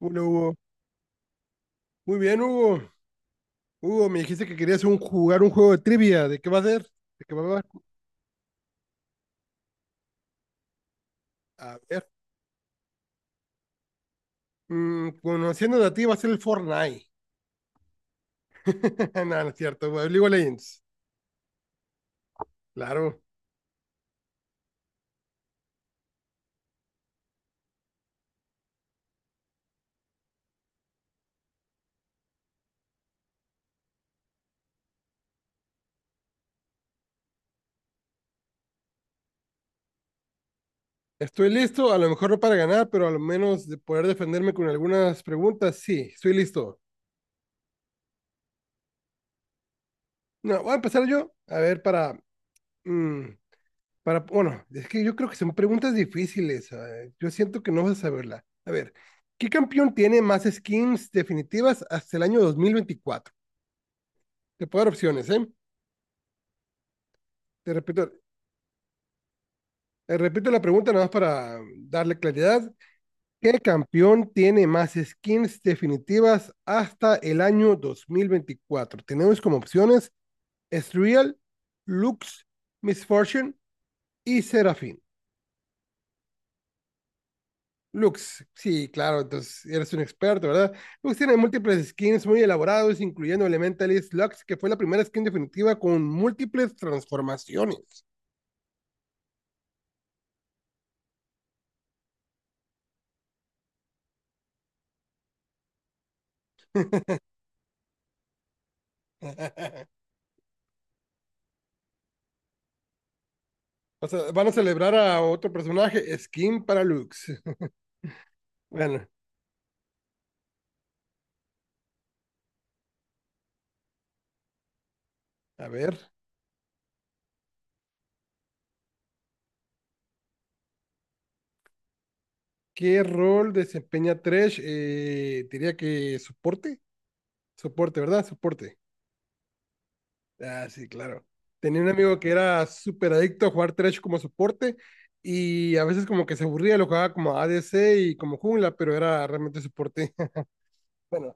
Uno, Hugo. Muy bien, Hugo. Hugo, me dijiste que querías jugar un juego de trivia. ¿De qué va a ser? ¿De qué va a ser? A ver. Conociéndote a ti, va a ser el Fortnite. No, no es cierto, güey. League of Legends. Claro. Estoy listo, a lo mejor no para ganar, pero a lo menos de poder defenderme con algunas preguntas. Sí, estoy listo. No, voy a empezar yo. A ver, mm, Para, bueno, es que yo creo que son preguntas difíciles. Yo siento que no vas a saberla. A ver, ¿qué campeón tiene más skins definitivas hasta el año 2024? Te puedo dar opciones, ¿eh? Te repito, te repito la pregunta nada más para darle claridad. ¿Qué campeón tiene más skins definitivas hasta el año 2024? Tenemos como opciones Ezreal, Lux, Misfortune y Seraphine. Lux, sí, claro, entonces eres un experto, ¿verdad? Lux tiene múltiples skins muy elaborados, incluyendo Elementalist Lux, que fue la primera skin definitiva con múltiples transformaciones. O sea, van a celebrar a otro personaje, skin para Lux. Bueno, a ver, ¿qué rol desempeña Thresh? Diría que soporte, soporte, ¿verdad? Soporte. Ah, sí, claro. Tenía un amigo que era súper adicto a jugar Thresh como soporte y a veces como que se aburría, lo jugaba como ADC y como jungla, pero era realmente soporte. Bueno,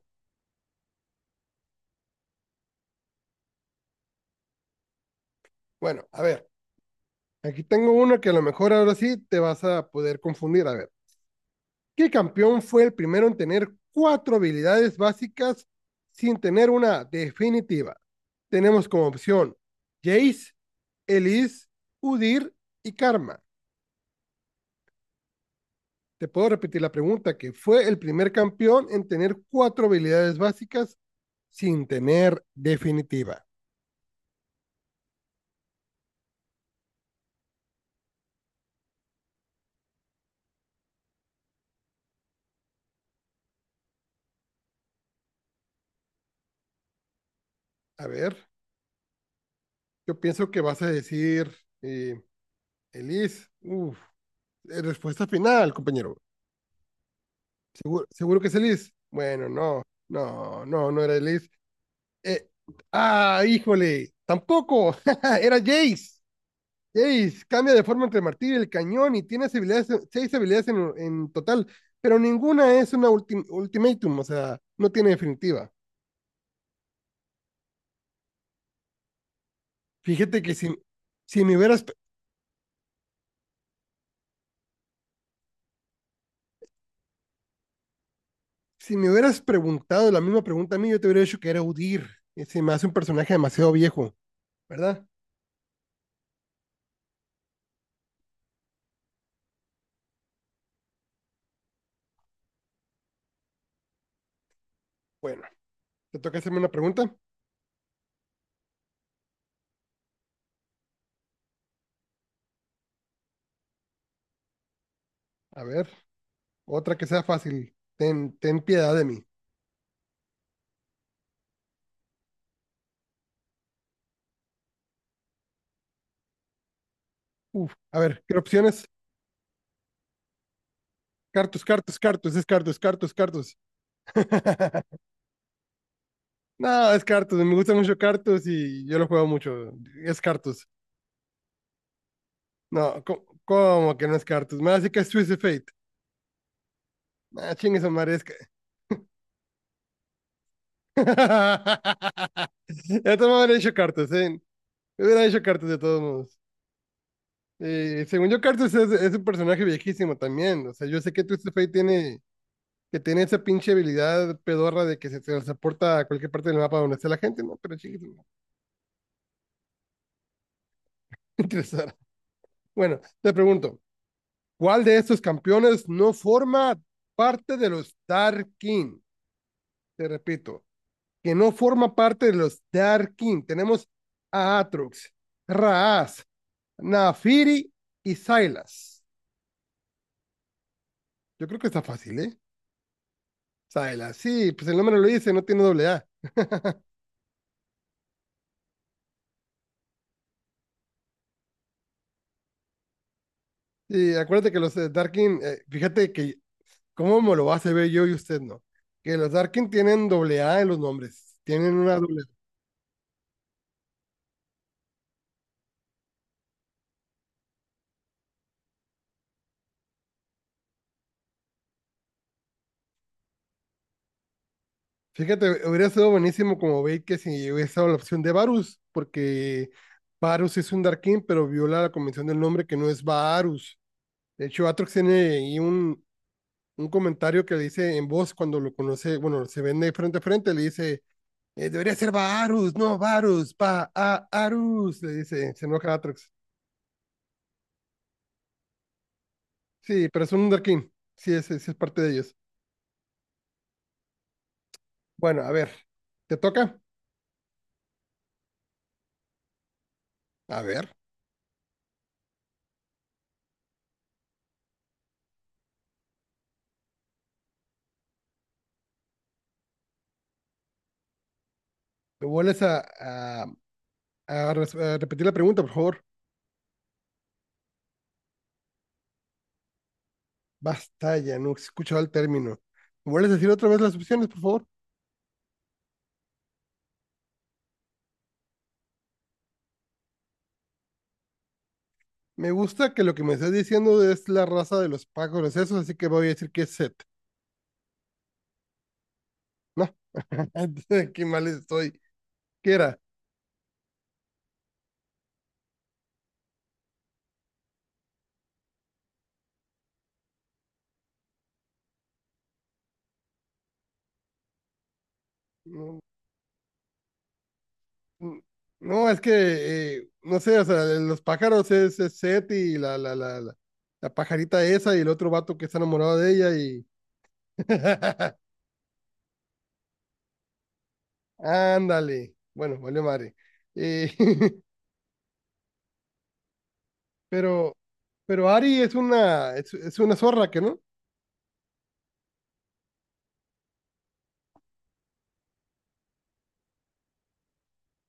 bueno, a ver, aquí tengo uno que a lo mejor ahora sí te vas a poder confundir. A ver, ¿qué campeón fue el primero en tener cuatro habilidades básicas sin tener una definitiva? Tenemos como opción Jace, Elise, Udir y Karma. Te puedo repetir la pregunta, que fue el primer campeón en tener cuatro habilidades básicas sin tener definitiva. A ver, yo pienso que vas a decir, eh, Elis. Uf, respuesta final, compañero. ¿Seguro, seguro que es Elis? Bueno, no, no, no, no era Elis. Eh, ah, híjole, tampoco, era Jace. Jace cambia de forma entre el martillo y el cañón y tiene habilidades, seis habilidades en total, pero ninguna es una ultimatum, o sea, no tiene definitiva. Fíjate que si, me hubieras, si me hubieras preguntado la misma pregunta a mí, yo te hubiera dicho que era Udir. Y se me hace un personaje demasiado viejo, ¿verdad? Bueno, te toca hacerme una pregunta. A ver, otra que sea fácil. Ten, ten piedad de mí. Uf, a ver, ¿qué opciones? Cartus, Cartus, Cartus, es Cartus, Cartus, Cartus. No, es Cartus, me gusta mucho Cartus y yo lo juego mucho. Es Cartus. No, ¿cómo que no es Cartus? Me hace que es Twist of Fate. Ah, chingue su madre, es que. Esto me hubiera hecho Cartus, ¿eh? Me hubiera hecho Cartus de todos modos. Según yo, Cartus es un personaje viejísimo también. O sea, yo sé que Twist of Fate tiene, que tiene esa pinche habilidad pedorra de que se transporta a cualquier parte del mapa donde esté la gente, ¿no? Pero chingue, su interesar. Bueno, te pregunto. ¿Cuál de estos campeones no forma parte de los Dark King? Te repito, que no forma parte de los Dark King. Tenemos a Atrox, Raas, Naafiri y Silas. Yo creo que está fácil, ¿eh? Silas, sí, pues el nombre lo dice, no tiene doble A. Y acuérdate que los Darkin, fíjate que cómo me lo vas a ver yo y usted no. Que los Darkin tienen doble A en los nombres. Tienen una doble. Fíjate, hubiera sido buenísimo como Bait que si hubiese dado la opción de Varus, porque Varus es un Darkin, pero viola la convención del nombre que no es Varus. De hecho, Atrox tiene ahí un comentario que le dice en voz cuando lo conoce, bueno, se vende frente a frente, le dice, debería ser Varus, no Varus, va a Arus, le dice, se enoja Atrox. Sí, pero es un Darkin, sí es parte de ellos. Bueno, a ver, ¿te toca? A ver, ¿te vuelves a repetir la pregunta, por favor. Basta ya, no he escuchado el término. ¿Me vuelves a decir otra vez las opciones, por favor? Me gusta que lo que me estás diciendo es la raza de los pájaros esos, así que voy a decir que es Set. No, qué mal estoy. ¿Qué era? No, no, es que, no sé, o sea, los pájaros es Set y la pajarita esa y el otro vato que está enamorado de ella y... Ándale. Bueno, vale, madre. Eh, pero, pero Ari es una zorra, ¿que no?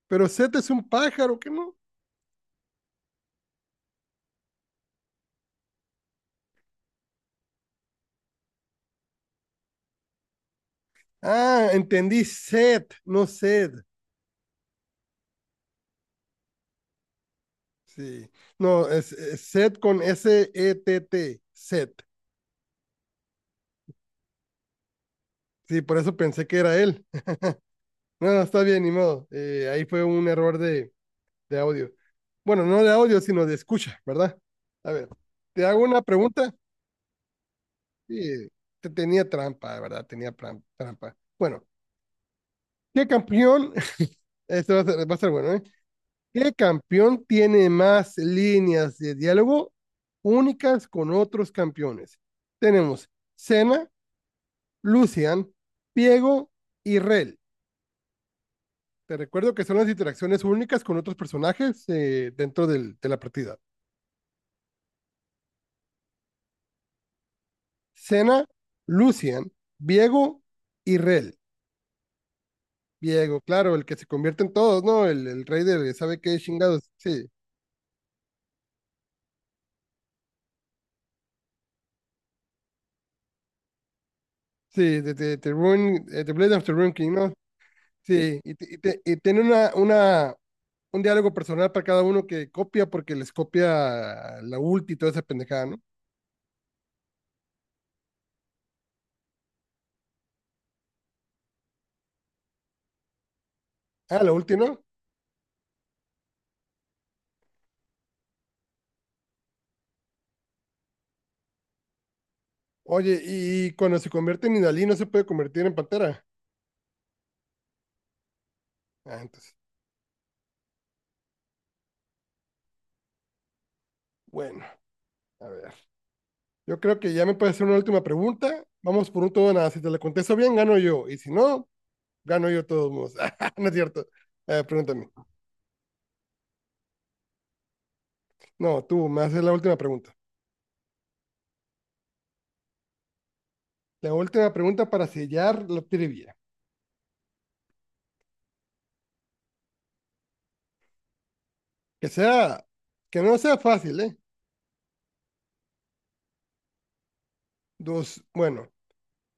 Pero Set es un pájaro, ¿qué no? Ah, entendí Set, no Sed. Sí. No, es Set con S-E-T-T. Set. Sí, por eso pensé que era él. No, no, está bien, ni modo. Ahí fue un error de audio. Bueno, no de audio, sino de escucha, ¿verdad? A ver, te hago una pregunta. Sí, te tenía trampa, de verdad, tenía trampa. Bueno, ¿qué campeón? Esto va a ser bueno, ¿eh? ¿Qué campeón tiene más líneas de diálogo únicas con otros campeones? Tenemos Cena, Lucian, Piego y Rel. Te recuerdo que son las interacciones únicas con otros personajes dentro de la partida. Cena, Lucian, Viego y Rel. Viego, claro, el que se convierte en todos, ¿no? El rey de sabe qué chingados. Sí, sí, de Blade of the Ruin King, ¿no? Sí, y, y tiene un diálogo personal para cada uno que copia porque les copia la ulti y toda esa pendejada, ¿no? Ah, la ulti, ¿no? Oye, y cuando se convierte en Inalí no se puede convertir en pantera. Ah, entonces. Bueno, a ver. Yo creo que ya me puede hacer una última pregunta. Vamos por un todo o nada. Si te la contesto bien, gano yo. Y si no, gano yo todos modos. no es cierto. Pregúntame. No, tú me haces la última pregunta. La última pregunta para sellar la trivia. Que sea, que no sea fácil, ¿eh? Dos, bueno,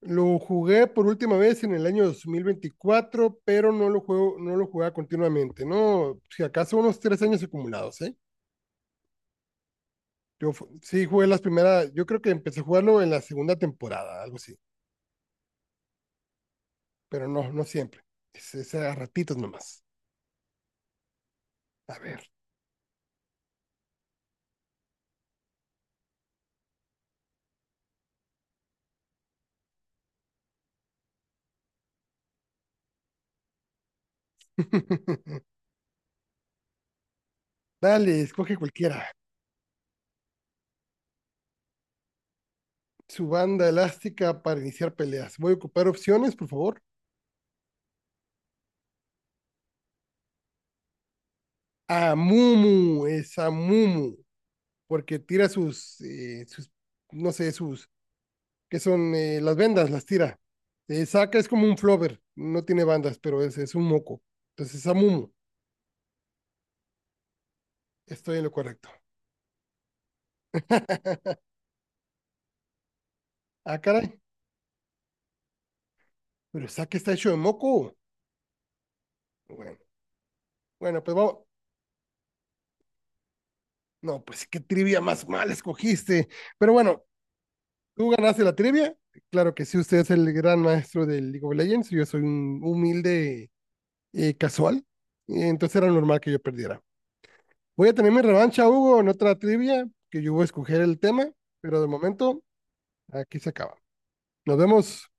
lo jugué por última vez en el año 2024, pero no lo juego, no lo jugaba continuamente, ¿no? Si acaso unos 3 años acumulados, ¿eh? Yo sí jugué las primeras, yo creo que empecé a jugarlo en la segunda temporada, algo así, pero no, no siempre. Es a ratitos nomás. A ver. Dale, escoge cualquiera. Su banda elástica para iniciar peleas. Voy a ocupar opciones, por favor. Amumu, es Amumu, porque tira sus, sus, no sé, sus que son las vendas, las tira. Saca es como un flover, no tiene bandas, pero es un moco. Entonces, Amumu, estoy en lo correcto. ah, caray, pero Saca está hecho de moco. Bueno, bueno, pues vamos. No, pues qué trivia más mal escogiste. Pero bueno, tú ganaste la trivia. Claro que sí, usted es el gran maestro del League of Legends. Yo soy un humilde casual. Y entonces era normal que yo perdiera. Voy a tener mi revancha, Hugo, en otra trivia que yo voy a escoger el tema, pero de momento aquí se acaba. Nos vemos.